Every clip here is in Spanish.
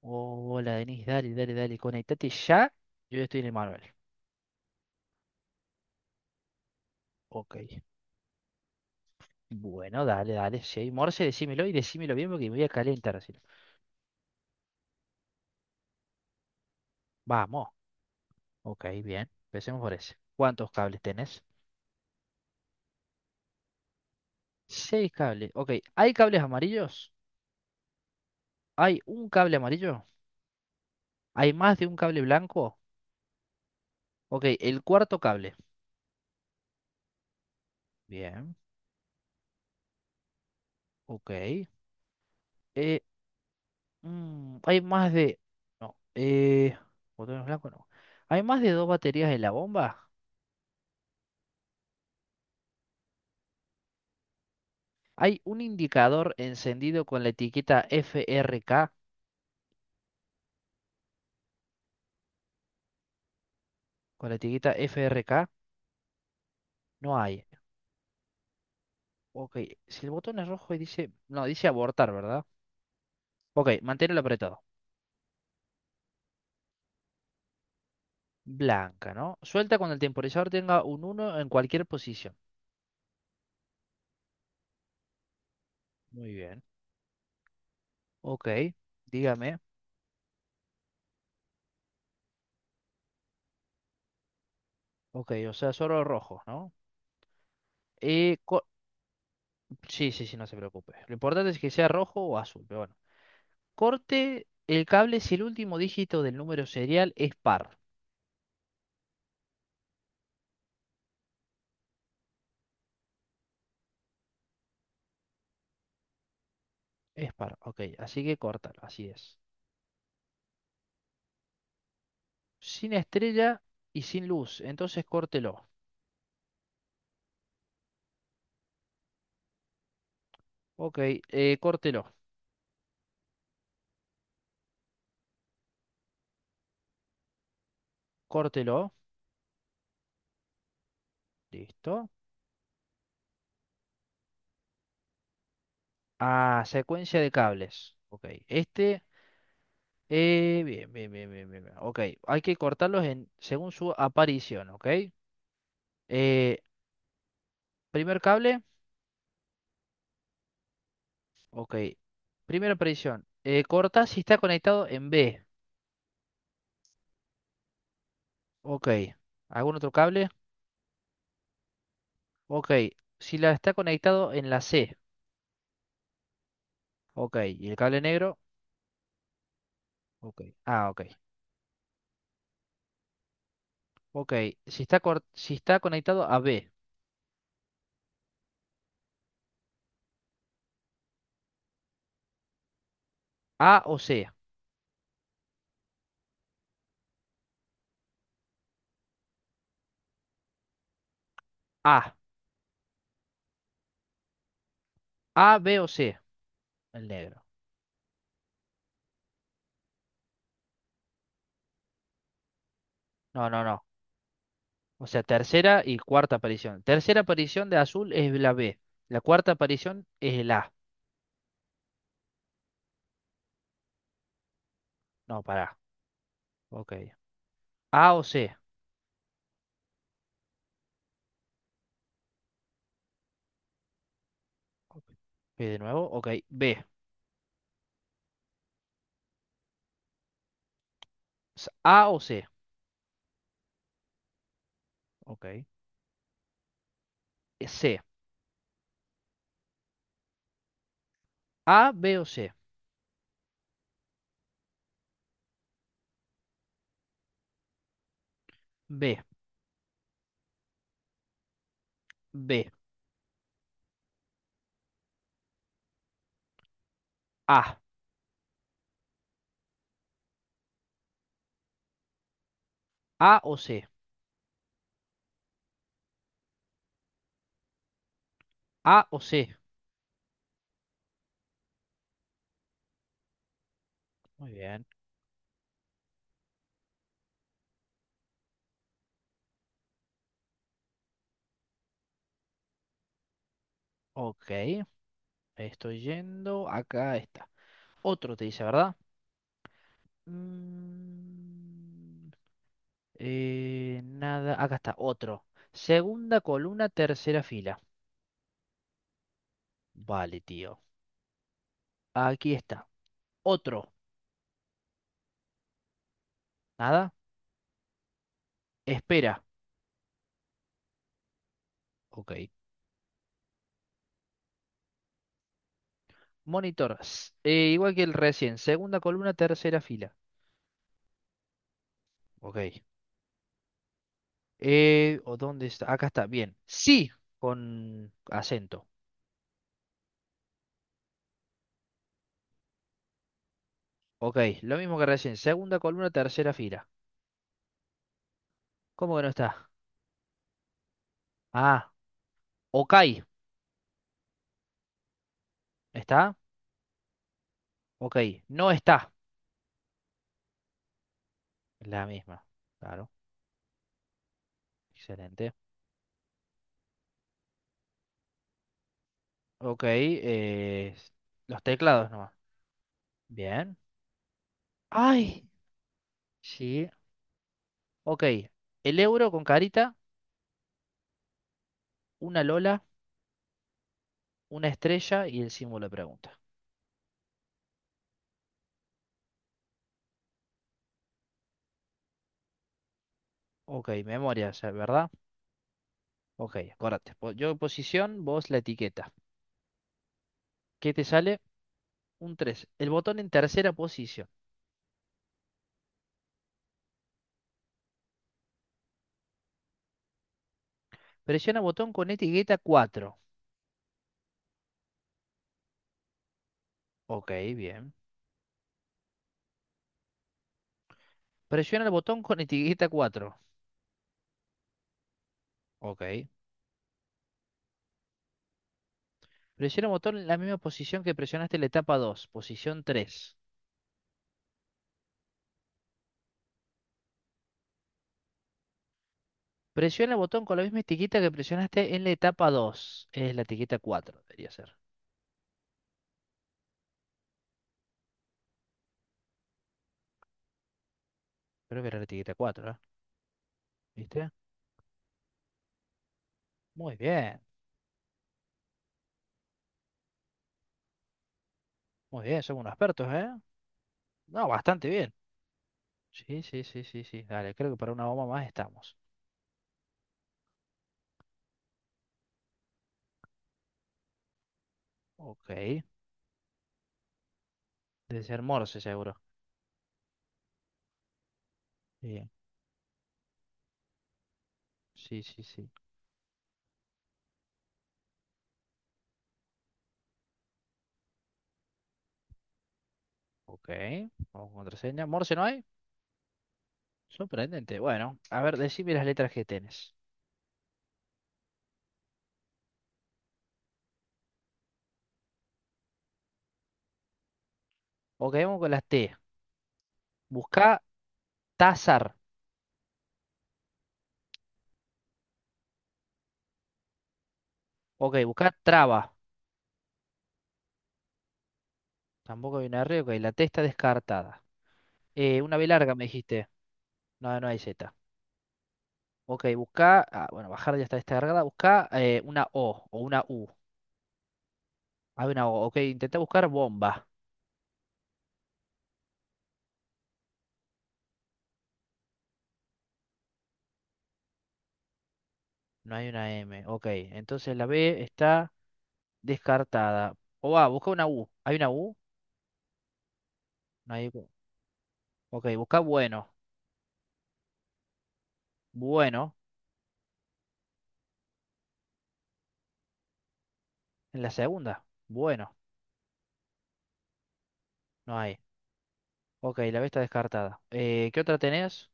Hola, Denis, dale, dale, dale, conectate ya. Yo ya estoy en el manual. Ok. Bueno, dale, dale. Si hay Morse, decímelo y decímelo bien porque me voy a calentar así. Vamos. Ok, bien. Empecemos por ese. ¿Cuántos cables tenés? Seis cables. Ok. ¿Hay cables amarillos? ¿Hay un cable amarillo? ¿Hay más de un cable blanco? Ok, el cuarto cable. Bien. Ok. Eh, ¿Hay más de... No. Botones blancos no. ¿Hay más de dos baterías en la bomba? Hay un indicador encendido con la etiqueta FRK. Con la etiqueta FRK no hay. Ok, si el botón es rojo y dice... No, dice abortar, ¿verdad? Ok, manténlo apretado. Blanca, ¿no? Suelta cuando el temporizador tenga un uno en cualquier posición. Muy bien. Ok, dígame. Ok, o sea, solo rojo, ¿no? Eh, co- sí, sí, sí, no se preocupe. Lo importante es que sea rojo o azul, pero bueno. Corte el cable si el último dígito del número serial es par. Es par, ok. Así que córtalo, así es. Sin estrella y sin luz, entonces córtelo. Ok, córtelo, córtelo. Listo. Ah, secuencia de cables. Ok, este. Bien, bien, bien, bien, bien, bien. Ok, hay que cortarlos en, según su aparición, ok. Eh, primer cable, ok. Primera aparición. Corta si está conectado en B. Ok. ¿Algún otro cable? Ok. Si la está conectado en la C. Ok. ¿Y el cable negro? Ok. Ah, ok. Ok. Si está, si está conectado a B, A o C. A. A, B o C. El negro. No, no, no. O sea, tercera y cuarta aparición. Tercera aparición de azul es la B. La cuarta aparición es el A. No, pará. Ok. A o C. Ok. De nuevo, ok. B. A o C. Ok. C. A, B o C. B. B. A. A o C. A o C. Muy bien. Ok. Estoy yendo. Acá está. Otro te dice, ¿verdad? Mm, nada, acá está, otro. Segunda columna, tercera fila. Vale, tío. Aquí está. Otro. Nada. Espera. Ok. Monitor. Igual que el recién. Segunda columna, tercera fila. Ok. ¿O dónde está? Acá está. Bien. Sí. Con acento. Ok. Lo mismo que recién. Segunda columna, tercera fila. ¿Cómo que no está? Ah. Ok. ¿Está? Ok. No está. La misma. Claro. Excelente. Ok. Los teclados nomás. Bien. Ay. Sí. Ok. El euro con carita, una lola, una estrella y el símbolo de pregunta. Ok. Memoria, o sea, ¿verdad? Ok. Acordate. Yo posición, vos la etiqueta. ¿Qué te sale? Un tres. El botón en tercera posición. Presiona botón con etiqueta cuatro. Ok. Bien. Presiona el botón con etiqueta cuatro. Ok. Presiona el botón en la misma posición que presionaste en la etapa 2, posición tres. Presiona el botón con la misma etiqueta que presionaste en la etapa dos. Es la etiqueta cuatro debería ser. Creo que era la etiqueta 4, ¿eh? ¿Viste? Muy bien, muy bien, somos unos expertos, ¿eh? No, bastante bien. Sí, sí, sí, sí, sí. Dale, creo que para una bomba más estamos. Ok, debe ser Morse seguro. Bien. Sí, sí, sí. Ok, vamos con contraseña. ¿Morse no hay? Sorprendente. Bueno, a ver, decime las letras que tenés. Ok, vamos con las T. Busca Tazar. Ok, buscá traba. Tampoco hay una R. Ok, la T está descartada. Una B larga me dijiste. No, no hay Z. Ok, buscá. Ah, bueno, bajar ya está descargada. Buscá una O o una U. Hay una O. Ok, intentá buscar bomba. No hay una M. Ok, entonces la B está descartada. O va, busca una U. ¿Hay una U? No hay. U. Ok, buscá bueno. Bueno. En la segunda. Bueno. No hay. Ok, la B está descartada. ¿Qué otra tenés?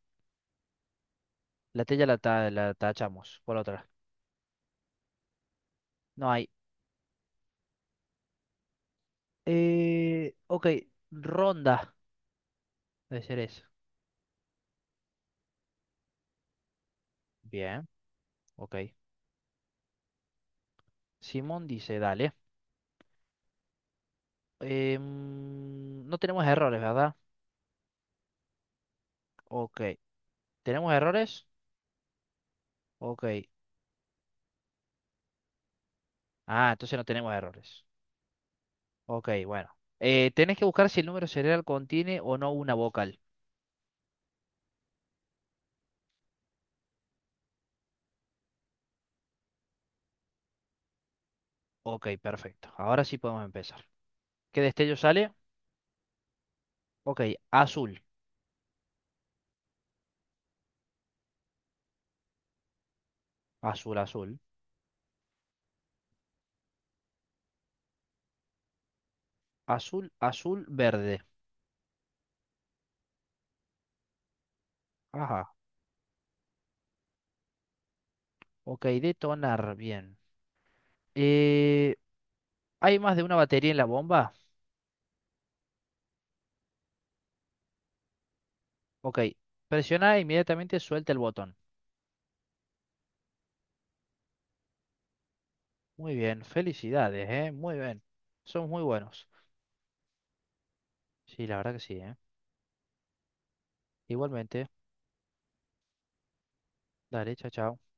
La T ya la, la tachamos por otra. No hay. Ok, ronda de ser eso. Bien, ok. Simón dice, dale. No tenemos errores, ¿verdad? Ok. ¿Tenemos errores? Ok. Ah, entonces no tenemos errores. Ok, bueno. Tenés que buscar si el número cerebral contiene o no una vocal. Ok, perfecto. Ahora sí podemos empezar. ¿Qué destello sale? Ok, azul. Azul, azul. Azul, azul, verde. Ajá. Ok, detonar. Bien. Eh, ¿Hay más de una batería en la bomba? Ok, presiona e inmediatamente suelta el botón. Muy bien, felicidades, ¿eh? Muy bien. Son muy buenos. Sí, la verdad que sí, ¿eh? Igualmente. Dale, chao, chao.